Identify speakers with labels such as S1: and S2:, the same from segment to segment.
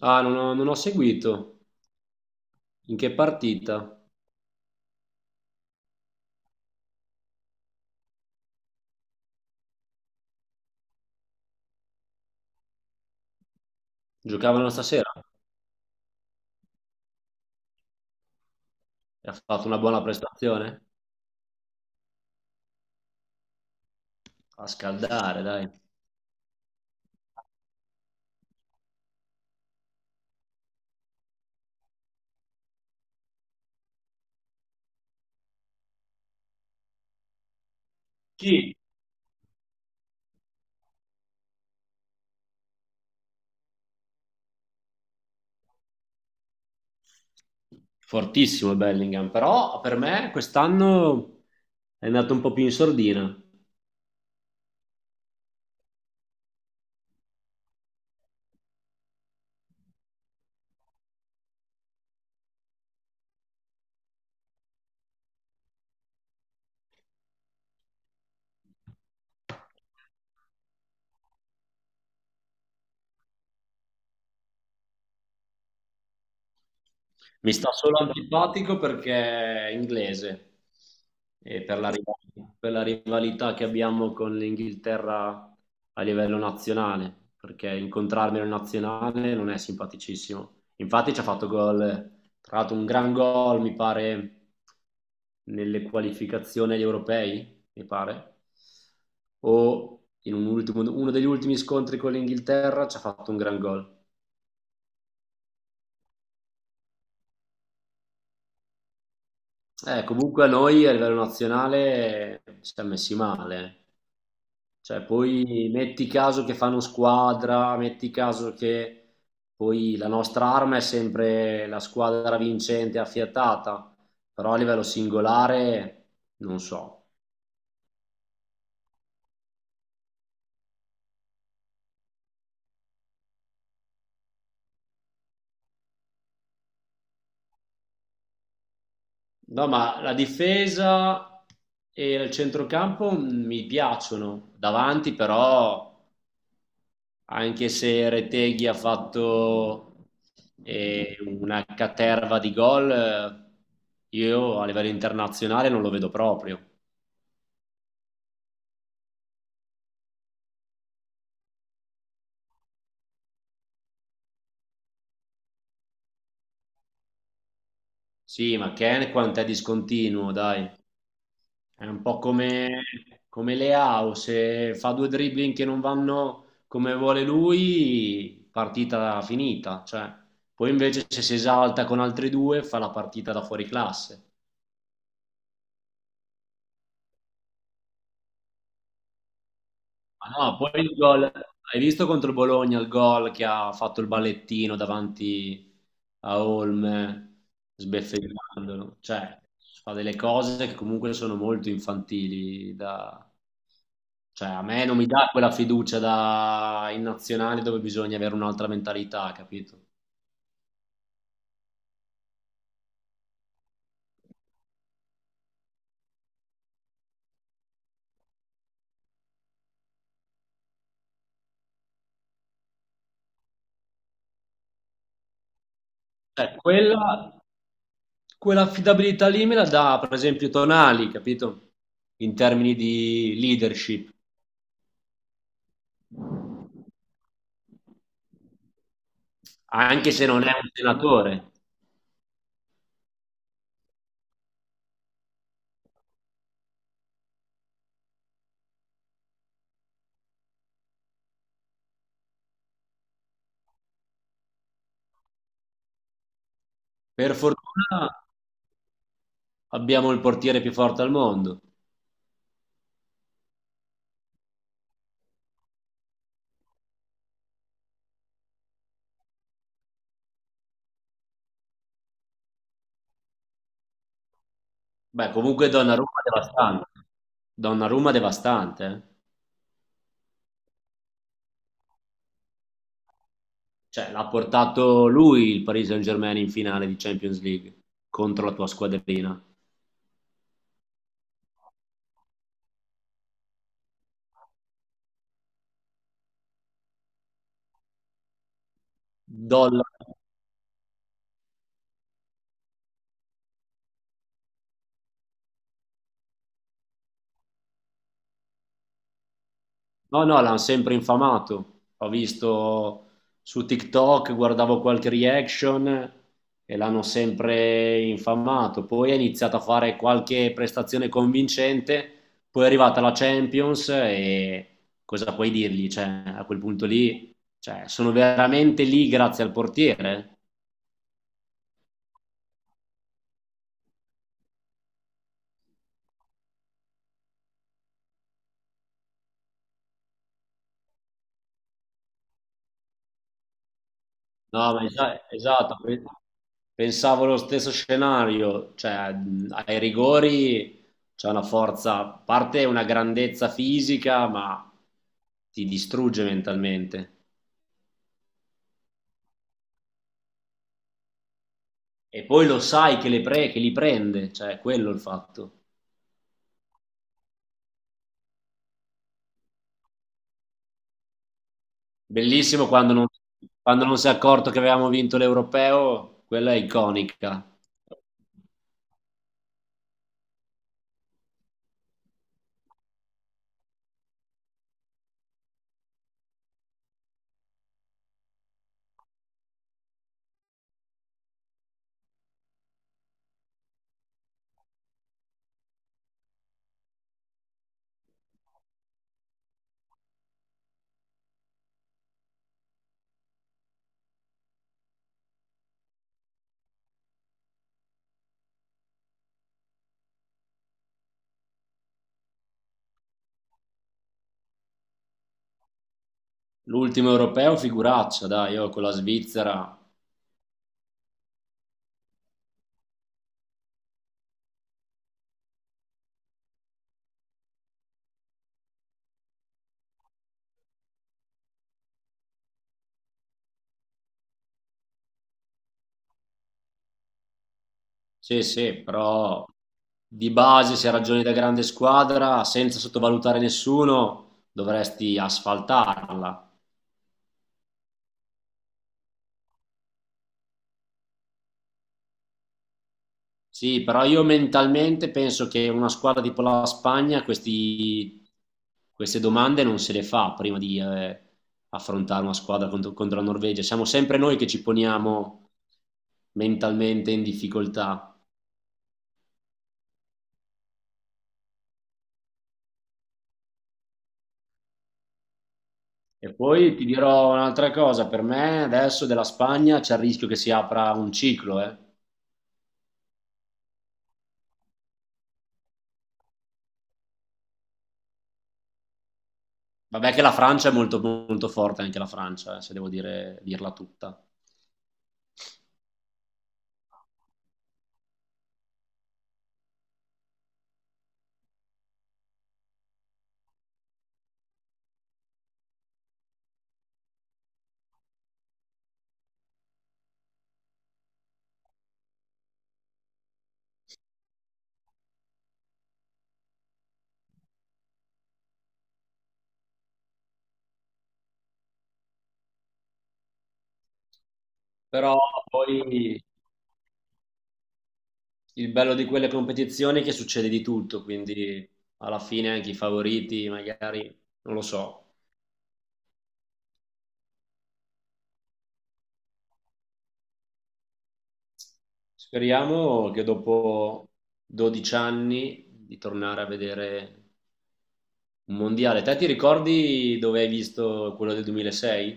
S1: Ah, non ho seguito. In che partita? Giocavano stasera e ha fatto una buona prestazione? A scaldare, dai. Sì. Fortissimo Bellingham, però per me quest'anno è andato un po' più in sordina. Mi sta solo antipatico perché è inglese e per la rivalità che abbiamo con l'Inghilterra a livello nazionale, perché incontrarmi in nazionale non è simpaticissimo. Infatti ci ha fatto gol, tra l'altro un gran gol, mi pare, nelle qualificazioni agli europei, mi pare, o in uno degli ultimi scontri con l'Inghilterra ci ha fatto un gran gol. Comunque a noi a livello nazionale, ci siamo messi male. Cioè, poi metti caso che fanno squadra, metti caso che poi la nostra arma è sempre la squadra vincente affiatata, però a livello singolare non so. No, ma la difesa e il centrocampo mi piacciono, davanti però anche se Reteghi ha fatto una caterva di gol, io a livello internazionale non lo vedo proprio. Sì, ma Ken quanto è discontinuo, dai. È un po' come Leao, se fa due dribbling che non vanno come vuole lui, partita finita. Cioè, poi invece se si esalta con altri due, fa la partita da fuori classe. Ma no, poi il gol, hai visto contro il Bologna il gol che ha fatto il ballettino davanti a Olme, sbeffeggiandolo, cioè fa delle cose che comunque sono molto infantili. Cioè, a me non mi dà quella fiducia in nazionale dove bisogna avere un'altra mentalità, capito? Cioè, quell'affidabilità lì me la dà, per esempio, Tonali, capito? In termini di leadership, anche se non è un senatore. Per fortuna abbiamo il portiere più forte al mondo. Beh, comunque Donnarumma è devastante. Donnarumma è devastante, eh. Cioè, l'ha portato lui il Paris Saint-Germain in finale di Champions League contro la tua squadrina. Dollari. No, no, l'hanno sempre infamato. Ho visto su TikTok, guardavo qualche reaction e l'hanno sempre infamato. Poi ha iniziato a fare qualche prestazione convincente, poi è arrivata la Champions e cosa puoi dirgli? Cioè, a quel punto lì, cioè, sono veramente lì grazie al portiere? No, ma esatto, pensavo lo stesso scenario, cioè ai rigori c'è una forza, a parte una grandezza fisica, ma ti distrugge mentalmente. E poi lo sai che li prende, cioè quello è il fatto. Bellissimo quando non si è accorto che avevamo vinto l'europeo, quella è iconica. L'ultimo europeo, figuraccia, dai, io con la Svizzera. Sì, sì, però di base se ragioni da grande squadra, senza sottovalutare nessuno, dovresti asfaltarla. Sì, però io mentalmente penso che una squadra tipo la Spagna queste domande non se le fa prima di affrontare una squadra contro la Norvegia. Siamo sempre noi che ci poniamo mentalmente in difficoltà. E poi ti dirò un'altra cosa, per me adesso della Spagna c'è il rischio che si apra un ciclo, eh. Vabbè che la Francia è molto, molto forte, anche la Francia, se devo dirla tutta. Però poi il bello di quelle competizioni è che succede di tutto, quindi alla fine anche i favoriti, magari, non lo so. Speriamo che dopo 12 anni di tornare a vedere un mondiale. Te ti ricordi dove hai visto quello del 2006?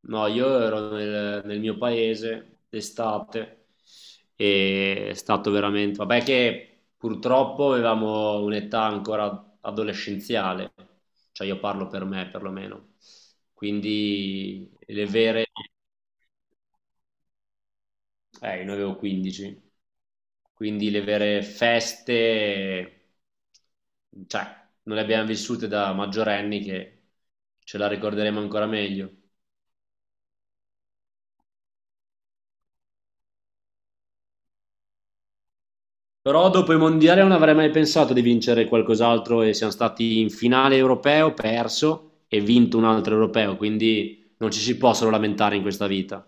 S1: No, io ero nel mio paese d'estate e è stato veramente. Vabbè che purtroppo avevamo un'età ancora adolescenziale, cioè io parlo per me perlomeno, quindi le vere. Io ne avevo 15, quindi le vere feste, cioè, non le abbiamo vissute da maggiorenni che ce la ricorderemo ancora meglio. Però dopo i mondiali non avrei mai pensato di vincere qualcos'altro e siamo stati in finale europeo, perso e vinto un altro europeo, quindi non ci si può solo lamentare in questa vita.